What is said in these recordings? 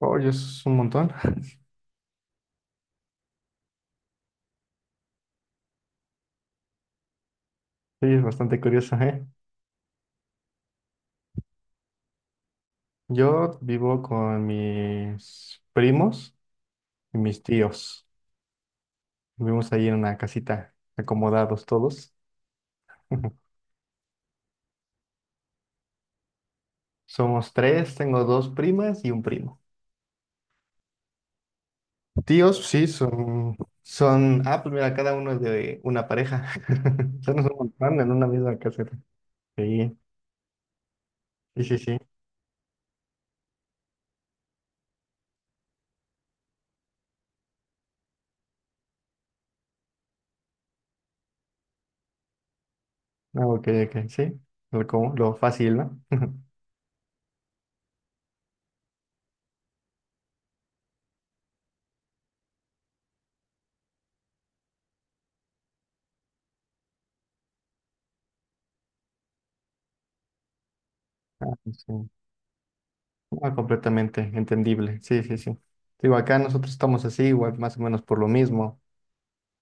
Oye, eso es un montón. Sí, es bastante curioso, ¿eh? Yo vivo con mis primos y mis tíos. Vivimos ahí en una casita, acomodados todos. Somos tres, tengo dos primas y un primo. Tíos, sí, pues mira, cada uno es de una pareja. Son un montón en una misma caseta. Sí, sí, sí, sí. Ah, ok, ok, sí. Lo fácil, ¿no? Sí. Ah, completamente entendible. Sí, sí, sí. Digo, acá nosotros estamos así, igual más o menos por lo mismo,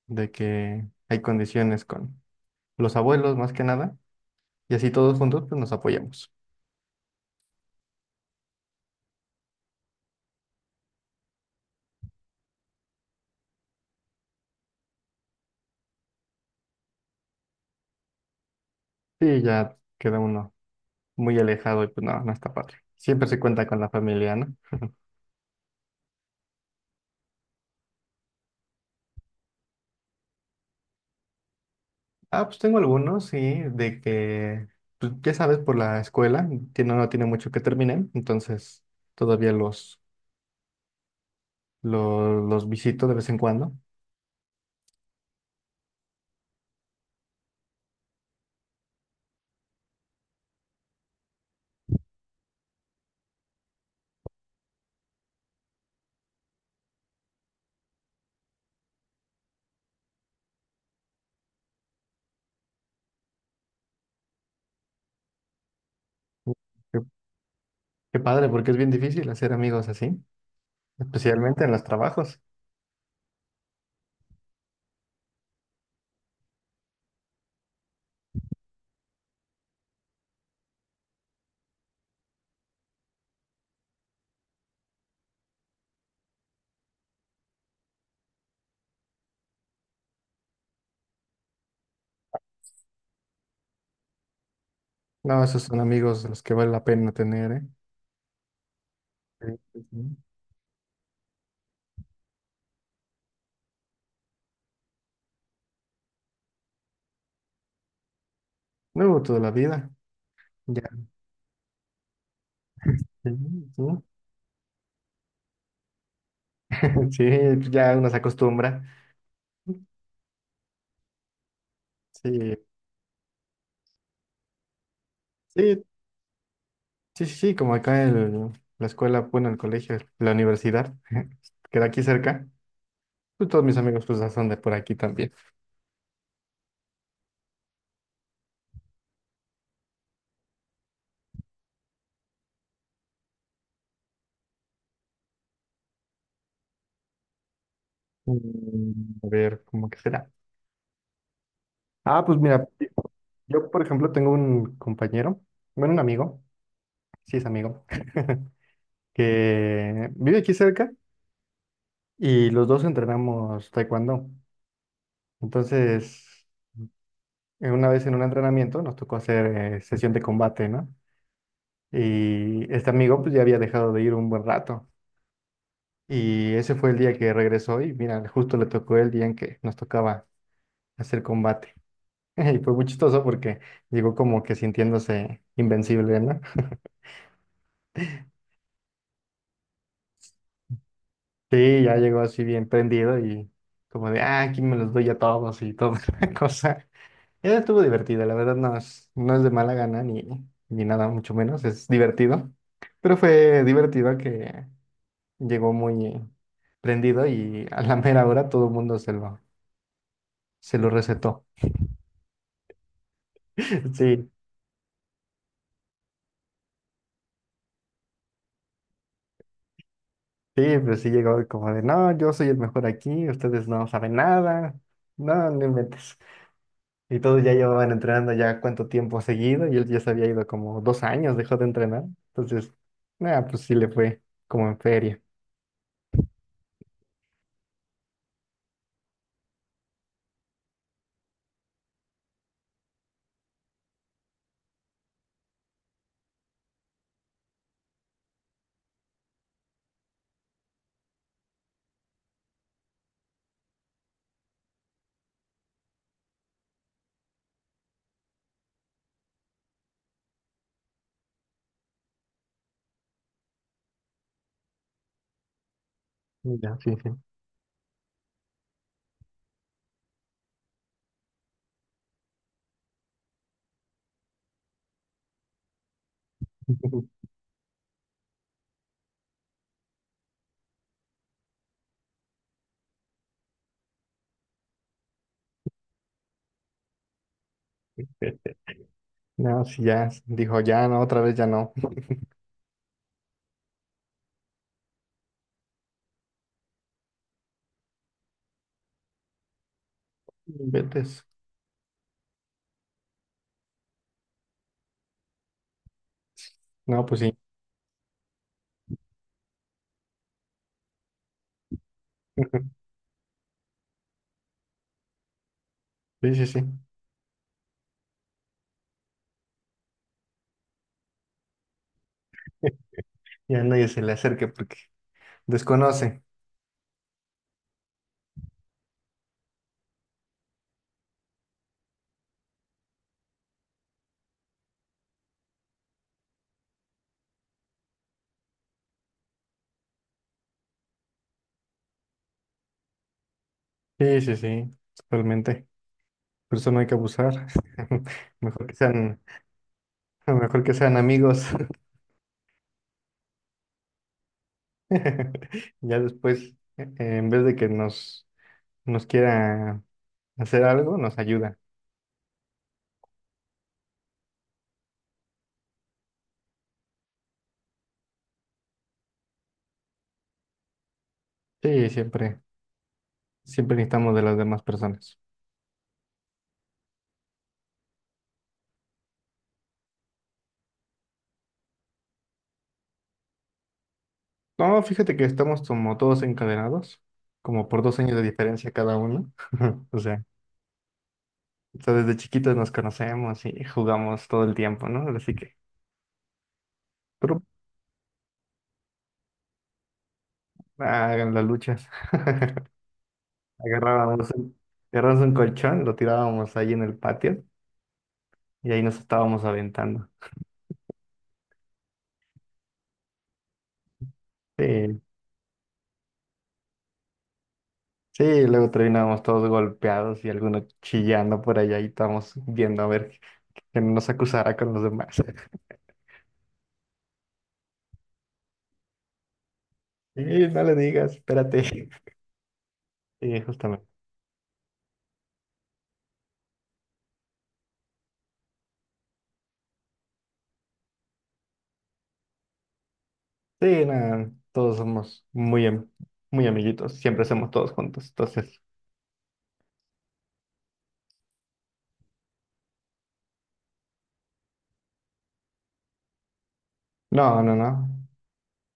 de que hay condiciones con los abuelos más que nada, y así todos juntos pues nos apoyamos. Sí, ya queda uno muy alejado y pues no, no está padre. Siempre se cuenta con la familia, ¿no? Ah, pues tengo algunos, sí, de que, pues ya sabes, por la escuela, tiene, no tiene mucho que terminar, entonces todavía los visito de vez en cuando. Qué, qué padre, porque es bien difícil hacer amigos así. Especialmente en los trabajos. No, esos son amigos los que vale la pena tener, ¿eh? Sí, sí, sí. No, toda la vida. Ya. Sí, sí. Sí, ya uno se acostumbra. Sí, sí, sí, sí, sí, como acá en la escuela, bueno, el colegio, la universidad, queda aquí cerca. Pues todos mis amigos pues son de por aquí también. A ver, ¿cómo que será? Ah, pues mira, yo por ejemplo tengo un compañero, bueno, un amigo, sí es amigo, que vive aquí cerca, y los dos entrenamos taekwondo. Entonces, una vez en un entrenamiento nos tocó hacer sesión de combate, ¿no? Y este amigo pues ya había dejado de ir un buen rato. Y ese fue el día que regresó y mira, justo le tocó el día en que nos tocaba hacer combate. Y fue muy chistoso porque llegó como que sintiéndose invencible, ¿no? Sí, ya llegó así bien prendido y como de, ah, aquí me los doy a todos y toda la cosa. Esa estuvo divertida, la verdad no es, no es de mala gana ni, ni nada, mucho menos, es divertido. Pero fue divertido que llegó muy prendido y a la mera hora todo el mundo se lo recetó. Sí, sí, pues sí llegó como de, no, yo soy el mejor aquí, ustedes no saben nada, no, no inventes. Y todos ya llevaban entrenando ya cuánto tiempo seguido y él ya se había ido como 2 años, dejó de entrenar. Entonces, nada, pues sí le fue como en feria. Ya, sí, sí. No, sí, ya, dijo, ya, no, otra vez ya no. Vete. No, pues sí. Sí, sí, sí. Ya nadie se le acerque porque desconoce. Sí, sí, sí, totalmente. Por eso no hay que abusar. Mejor que sean, mejor que sean amigos. Ya después, en vez de que nos quiera hacer algo, nos ayuda. Sí, siempre, siempre necesitamos de las demás personas. No, fíjate que estamos como todos encadenados, como por 2 años de diferencia cada uno. O sea. Entonces, desde chiquitos nos conocemos y jugamos todo el tiempo, ¿no? Así que, pero hagan las luchas. Agarrábamos un, agarrábamos un colchón, lo tirábamos ahí en el patio y ahí nos estábamos aventando. Sí, sí, luego terminábamos todos golpeados y algunos chillando por allá y estábamos viendo a ver que no nos acusara con los demás. Sí, no le digas, espérate. Sí, justamente. Sí, nada, todos somos muy, am- muy amiguitos, siempre hacemos todos juntos, entonces. No, no, no.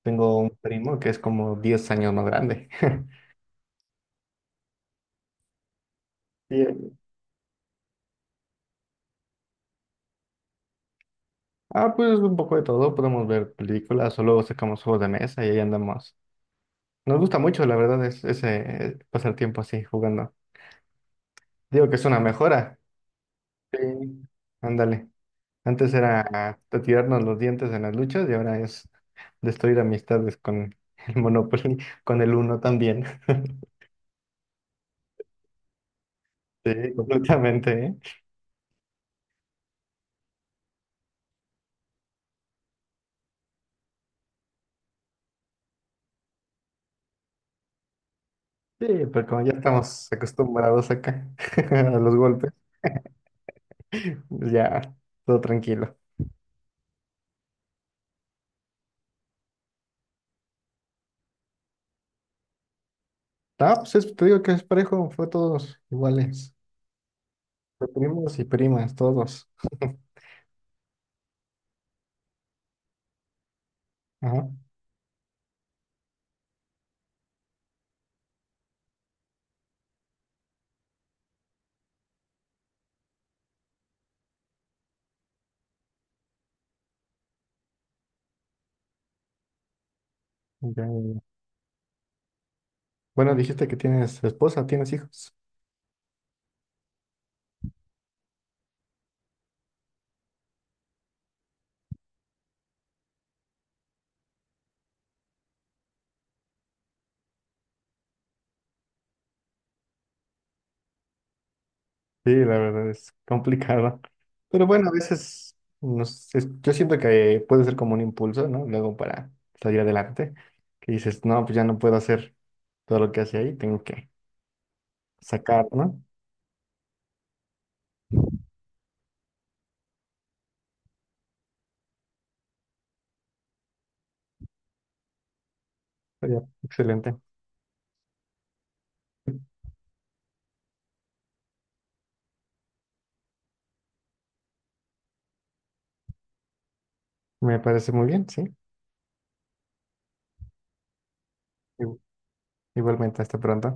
Tengo un primo que es como 10 años más grande. Y, eh, pues un poco de todo, podemos ver películas o luego sacamos juegos de mesa y ahí andamos. Nos gusta mucho, la verdad, es ese pasar tiempo así jugando. Digo que es una mejora. Sí. Ándale. Antes era ah, tirarnos los dientes en las luchas y ahora es destruir amistades con el Monopoly, con el Uno también. Sí, completamente, ¿eh? Sí, pero como ya estamos acostumbrados acá a los golpes. Pues ya, todo tranquilo. Te digo que es parejo, fue todos iguales. Fue primos y primas, todos. Ajá. Ya, ya, ya. Bueno, dijiste que tienes esposa, tienes hijos. Sí, la verdad es complicado. Pero bueno, a veces nos, es- yo siento que puede ser como un impulso, ¿no? Luego para salir adelante, que dices, no, pues ya no puedo hacer todo lo que hace ahí, tengo que sacar, ¿no? Pero ya, excelente. Me parece muy bien, sí. Igu- Igualmente, hasta pronto.